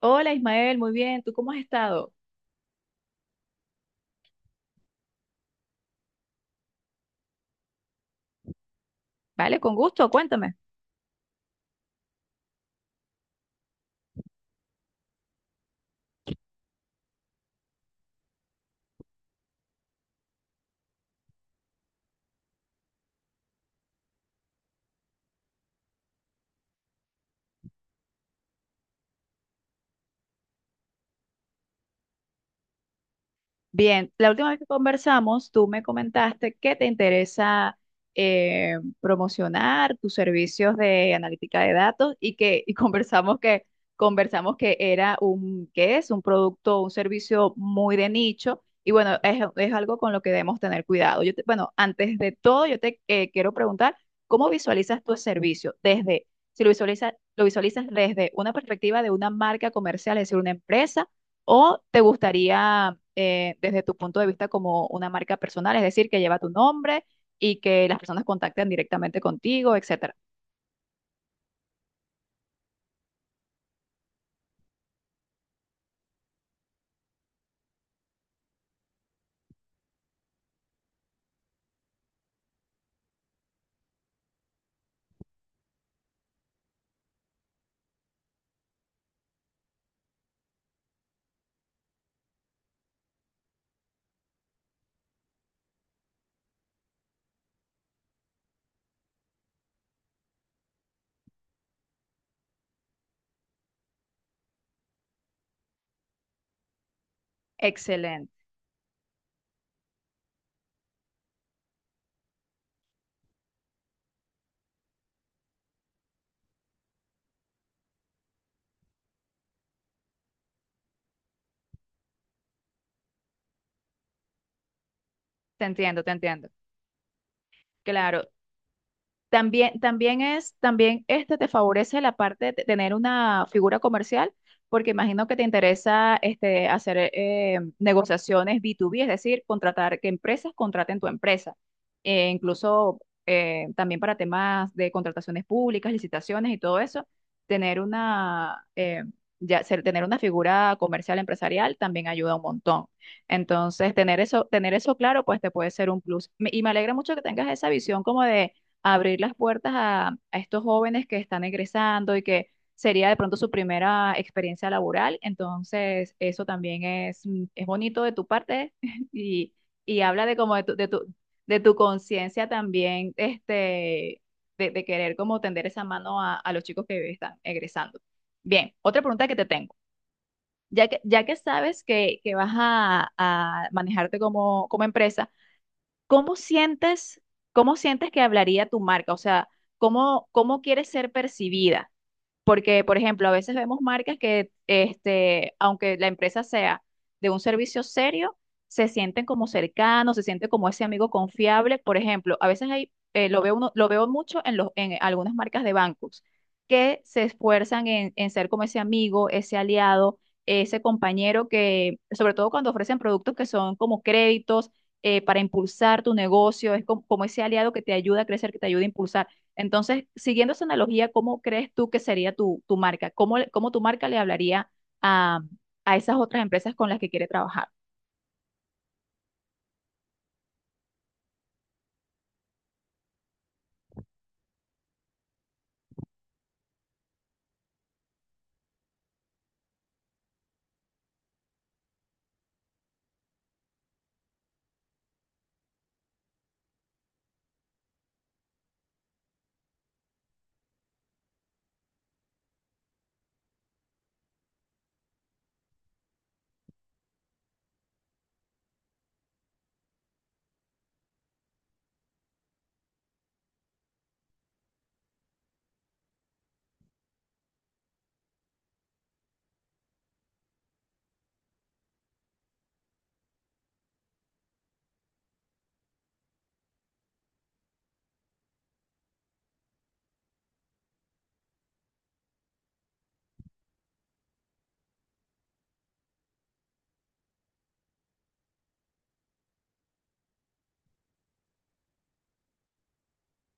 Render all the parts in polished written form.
Hola Ismael, muy bien, ¿tú cómo has estado? Vale, con gusto, cuéntame. Bien, la última vez que conversamos, tú me comentaste que te interesa promocionar tus servicios de analítica de datos y que conversamos que era un que es un producto, un servicio muy de nicho y bueno, es algo con lo que debemos tener cuidado. Bueno, antes de todo, yo te quiero preguntar cómo visualizas tu servicio desde si lo visualizas desde una perspectiva de una marca comercial, es decir, una empresa o te gustaría desde tu punto de vista como una marca personal, es decir, que lleva tu nombre y que las personas contacten directamente contigo, etcétera. Excelente, te entiendo, te entiendo. Claro. También te favorece la parte de tener una figura comercial, porque imagino que te interesa hacer negociaciones B2B, es decir, contratar que empresas contraten tu empresa. Incluso también para temas de contrataciones públicas, licitaciones y todo eso, tener una, eh, ya, tener una figura comercial empresarial también ayuda un montón. Entonces, tener eso claro, pues te puede ser un plus. Y me alegra mucho que tengas esa visión como de abrir las puertas a estos jóvenes que están egresando y que sería de pronto su primera experiencia laboral. Entonces, eso también es bonito de tu parte y, y habla de como de tu conciencia también, de querer como tender esa mano a los chicos que están egresando. Bien, otra pregunta que te tengo. Ya que sabes que vas a manejarte como empresa. ¿Cómo sientes, cómo sientes que hablaría tu marca? O sea, ¿cómo quieres ser percibida? Porque, por ejemplo, a veces vemos marcas que, aunque la empresa sea de un servicio serio, se sienten como cercanos, se sienten como ese amigo confiable. Por ejemplo, a veces hay, lo veo mucho en en algunas marcas de bancos que se esfuerzan en ser como ese amigo, ese aliado, ese compañero que, sobre todo cuando ofrecen productos que son como créditos para impulsar tu negocio, es como ese aliado que te ayuda a crecer, que te ayuda a impulsar. Entonces, siguiendo esa analogía, ¿cómo crees tú que sería tu marca? ¿Cómo tu marca le hablaría a, a esas otras empresas con las que quiere trabajar?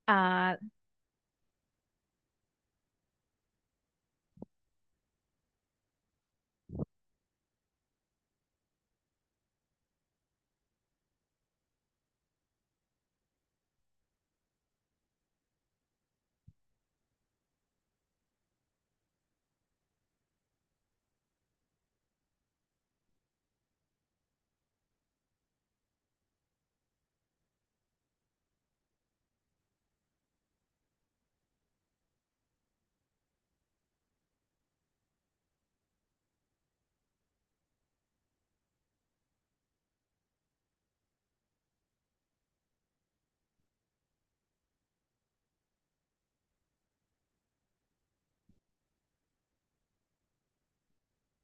Ah,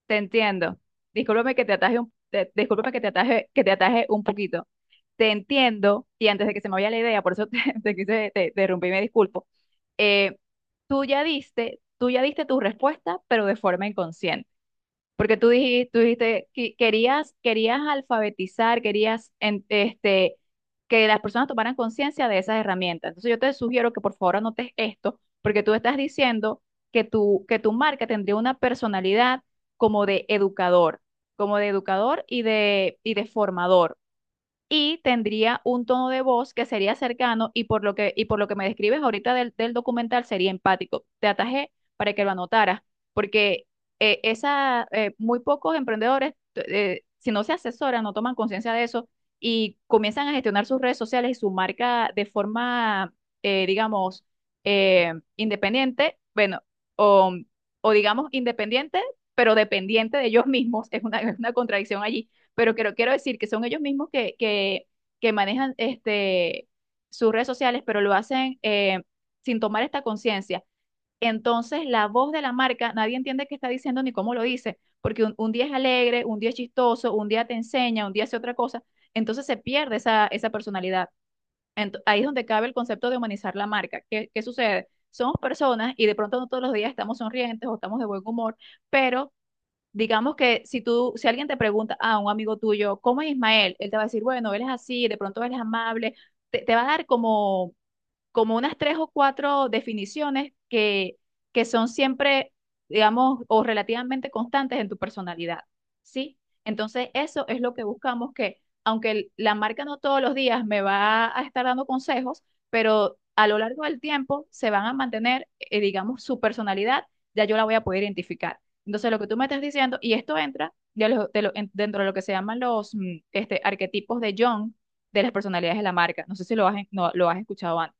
te entiendo. Discúlpame que te ataje un poquito. Te entiendo, y antes de que se me vaya la idea, por eso te rompí, me disculpo. Eh, tú ya diste tu respuesta, pero de forma inconsciente. Porque tú dijiste que querías alfabetizar, que las personas tomaran conciencia de esas herramientas. Entonces yo te sugiero que por favor anotes esto, porque tú estás diciendo que tu marca tendría una personalidad como de educador, como de educador y de formador y tendría un tono de voz que sería cercano y por lo que me describes ahorita del documental sería empático. Te atajé para que lo anotaras, porque muy pocos emprendedores, si no se asesoran, no toman conciencia de eso y comienzan a gestionar sus redes sociales y su marca de forma, digamos, independiente, bueno, o, o digamos independiente, pero dependiente de ellos mismos, es una contradicción allí, pero quiero decir que son ellos mismos que manejan sus redes sociales, pero lo hacen sin tomar esta conciencia. Entonces, la voz de la marca, nadie entiende qué está diciendo ni cómo lo dice, porque un día es alegre, un día es chistoso, un día te enseña, un día hace otra cosa, entonces se pierde esa personalidad. Ahí es donde cabe el concepto de humanizar la marca. ¿Qué sucede? Somos personas y de pronto no todos los días estamos sonrientes o estamos de buen humor, pero digamos que si alguien te pregunta a un amigo tuyo, ¿cómo es Ismael? Él te va a decir, bueno, él es así, de pronto él es amable, te va a dar como unas tres o cuatro definiciones que son siempre, digamos, o relativamente constantes en tu personalidad, ¿sí? Entonces, eso es lo que buscamos, que aunque la marca no todos los días me va a estar dando consejos, pero a lo largo del tiempo se van a mantener, digamos, su personalidad, ya yo la voy a poder identificar. Entonces, lo que tú me estás diciendo, y esto entra dentro de lo que se llaman los arquetipos de Jung, de las personalidades de la marca. No sé si no, lo has escuchado antes.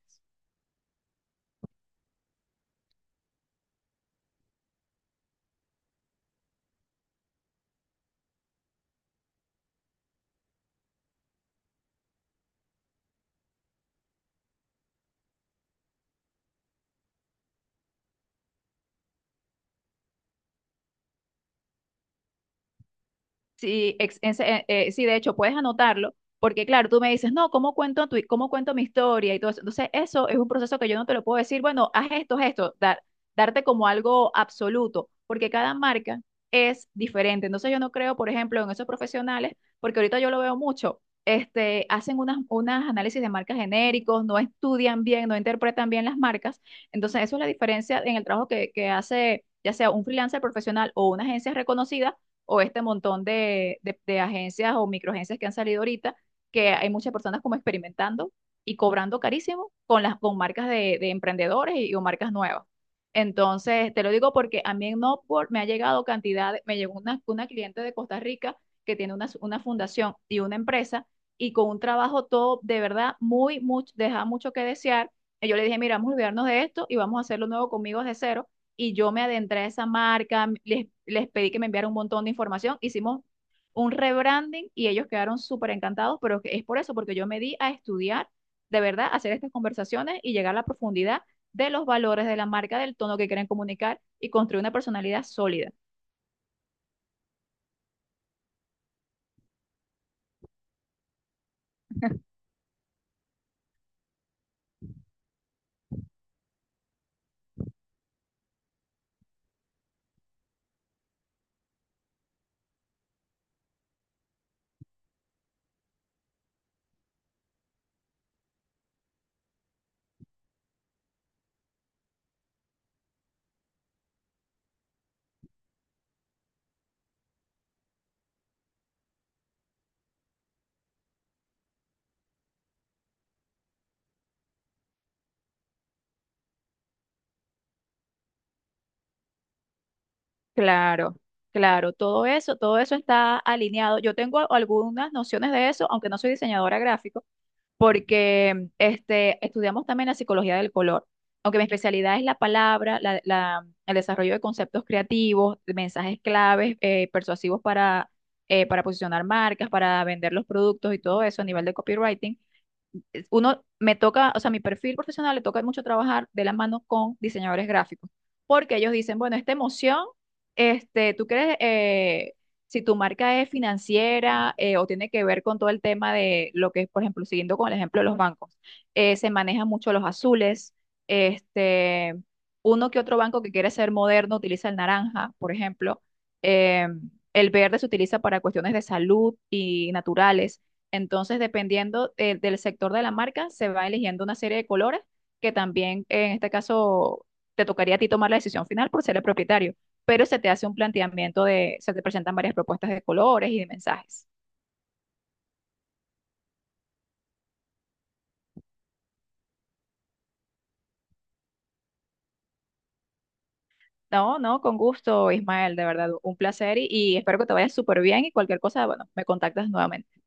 Sí, ex- en sí, de hecho, puedes anotarlo, porque claro, tú me dices, no, ¿cómo cómo cuento mi historia y todo eso? Entonces, eso es un proceso que yo no te lo puedo decir, bueno, haz esto, darte como algo absoluto, porque cada marca es diferente. Entonces, yo no creo, por ejemplo, en esos profesionales, porque ahorita yo lo veo mucho, hacen unas análisis de marcas genéricos, no estudian bien, no interpretan bien las marcas. Entonces, eso es la diferencia en el trabajo que hace, ya sea un freelancer profesional o una agencia reconocida o este montón de agencias o microagencias que han salido ahorita, que hay muchas personas como experimentando y cobrando carísimo con las con marcas de emprendedores o marcas nuevas. Entonces, te lo digo porque a mí en Upwork me ha llegado cantidad. Me llegó una cliente de Costa Rica que tiene una fundación y una empresa, y con un trabajo todo de verdad mucho, deja mucho que desear. Y yo le dije, mira, vamos a olvidarnos de esto y vamos a hacerlo nuevo conmigo desde cero, y yo me adentré a esa marca, les pedí que me enviaran un montón de información, hicimos un rebranding y ellos quedaron súper encantados. Pero es por eso, porque yo me di a estudiar, de verdad, hacer estas conversaciones y llegar a la profundidad de los valores de la marca, del tono que quieren comunicar y construir una personalidad sólida. Claro, claro, todo eso está alineado. Yo tengo algunas nociones de eso, aunque no soy diseñadora gráfica, porque estudiamos también la psicología del color. Aunque mi especialidad es la palabra, el desarrollo de conceptos creativos, de mensajes claves, persuasivos para posicionar marcas, para vender los productos y todo eso a nivel de copywriting, uno me toca, o sea, mi perfil profesional le toca mucho trabajar de la mano con diseñadores gráficos, porque ellos dicen, bueno, esta emoción, tú crees, si tu marca es financiera o tiene que ver con todo el tema de lo que es, por ejemplo, siguiendo con el ejemplo de los bancos, se manejan mucho los azules, este, uno que otro banco que quiere ser moderno utiliza el naranja, por ejemplo. eh, el verde se utiliza para cuestiones de salud y naturales. Entonces, dependiendo del sector de la marca, se va eligiendo una serie de colores que también en este caso te tocaría a ti tomar la decisión final por ser el propietario, pero se te presentan varias propuestas de colores y de mensajes. No, no, con gusto, Ismael, de verdad, un placer, y espero que te vayas súper bien, y cualquier cosa, bueno, me contactas nuevamente.